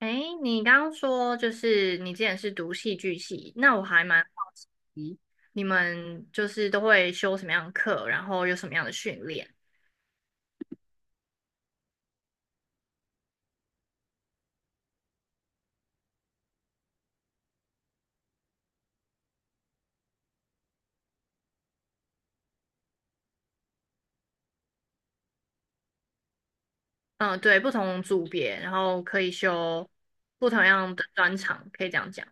哎，你刚刚说就是你之前是读戏剧系，那我还蛮好奇你们就是都会修什么样的课，然后有什么样的训练？嗯，对，不同组别，然后可以修不同样的专长，可以这样讲。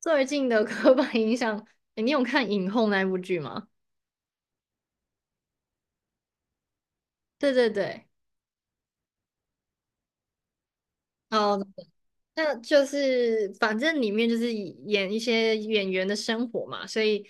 最近的 刻板印象，诶你有看《影后》那部剧吗？对对对。哦，那就是反正里面就是演一些演员的生活嘛，所以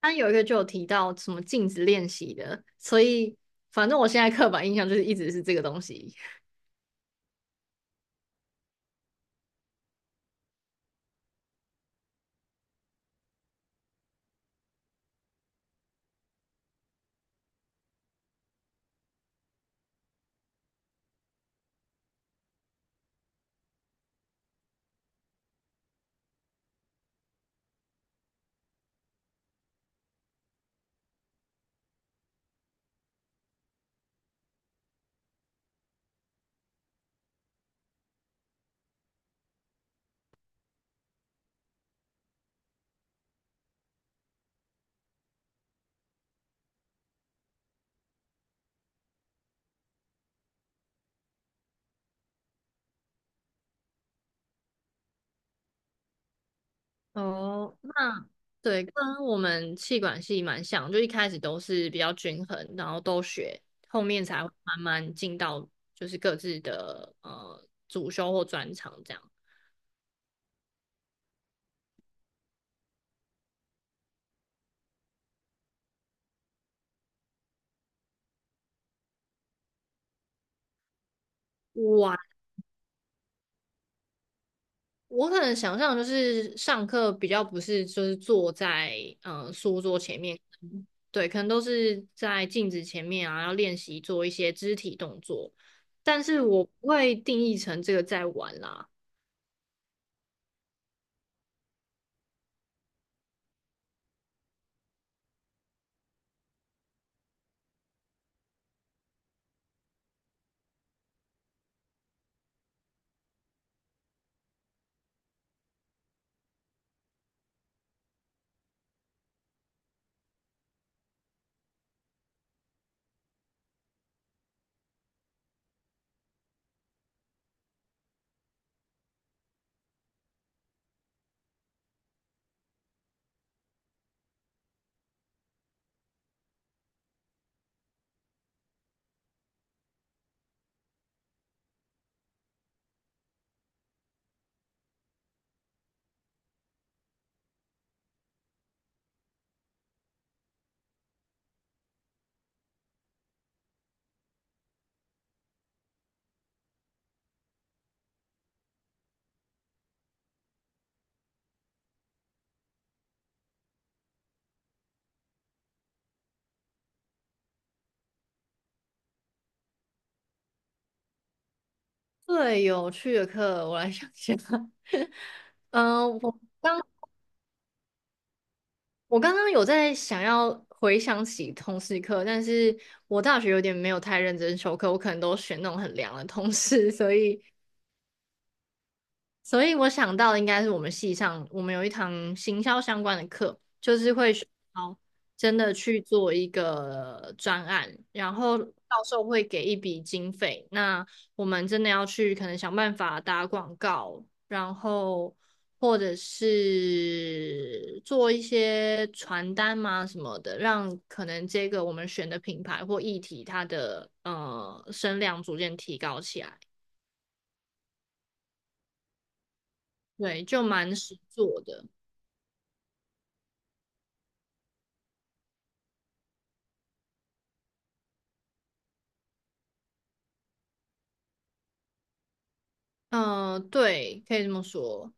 他有一个就有提到什么镜子练习的，所以反正我现在刻板印象就是一直是这个东西。哦，那对，跟我们气管系蛮像，就一开始都是比较均衡，然后都学，后面才会慢慢进到就是各自的主修或专长这样。哇。我可能想象就是上课比较不是就是坐在书桌前面，嗯对，可能都是在镜子前面啊，要练习做一些肢体动作，但是我不会定义成这个在玩啦。最有趣的课，我来想想。嗯、呃我刚我刚刚有在想要回想起通识课，但是我大学有点没有太认真修课，我可能都选那种很凉的通识，所以我想到的应该是我们系上，我们有一堂行销相关的课，就是会学到真的去做一个专案，然后教授会给一笔经费，那我们真的要去可能想办法打广告，然后或者是做一些传单嘛什么的，让可能这个我们选的品牌或议题它的声量逐渐提高起来，对，就蛮实做的。嗯，对，可以这么说。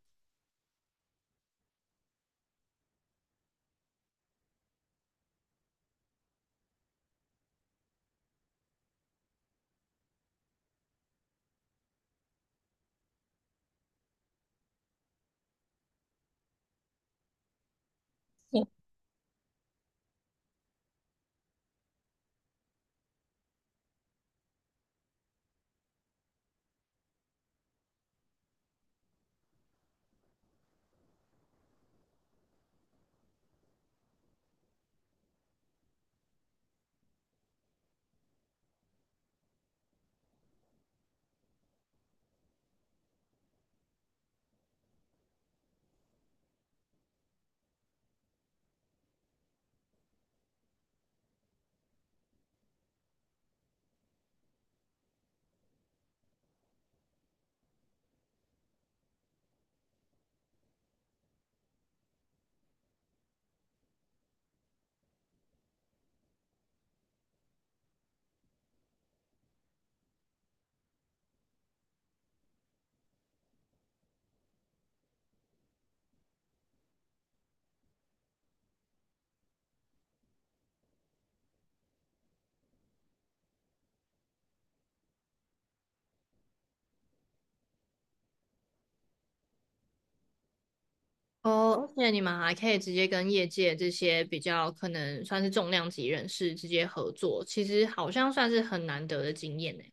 哦，而且你们还可以直接跟业界这些比较可能算是重量级人士直接合作，其实好像算是很难得的经验呢。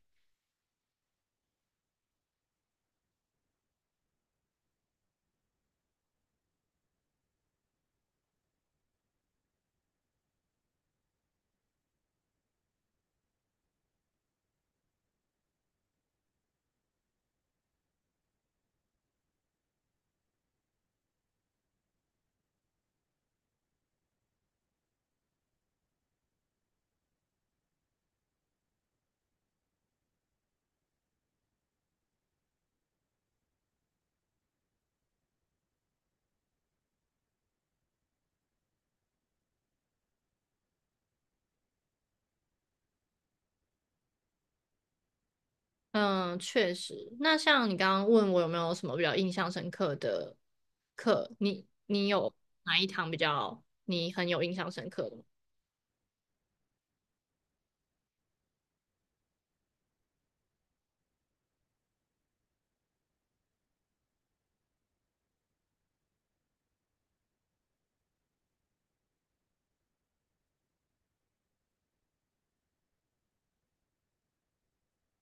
嗯，确实。那像你刚刚问我有没有什么比较印象深刻的课，你你有哪一堂比较你很有印象深刻的吗？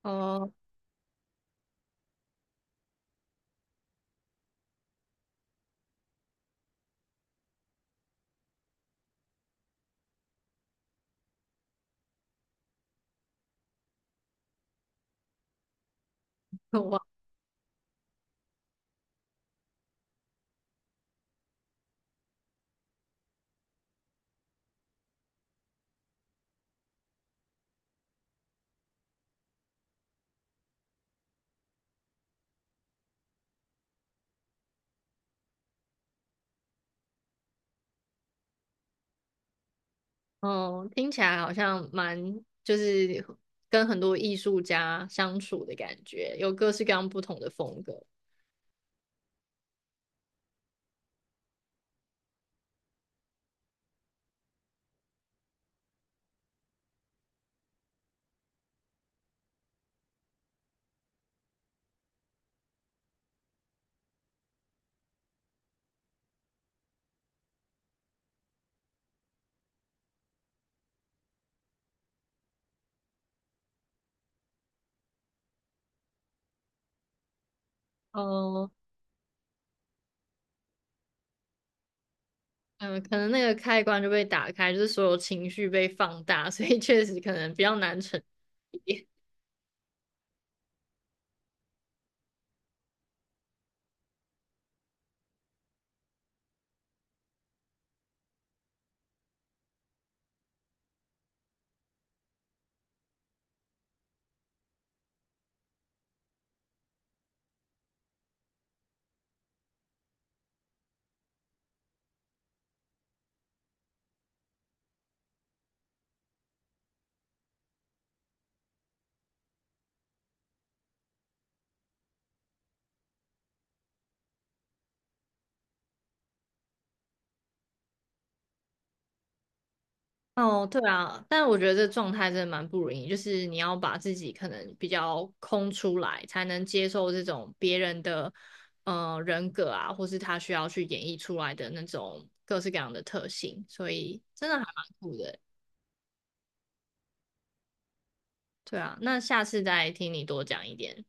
哦，我哦，听起来好像蛮就是跟很多艺术家相处的感觉，有各式各样不同的风格。哦，嗯，可能那个开关就被打开，就是所有情绪被放大，所以确实可能比较难沉淀。哦，对啊，但我觉得这状态真的蛮不容易，就是你要把自己可能比较空出来，才能接受这种别人的人格啊，或是他需要去演绎出来的那种各式各样的特性，所以真的还蛮酷的欸。对啊，那下次再听你多讲一点。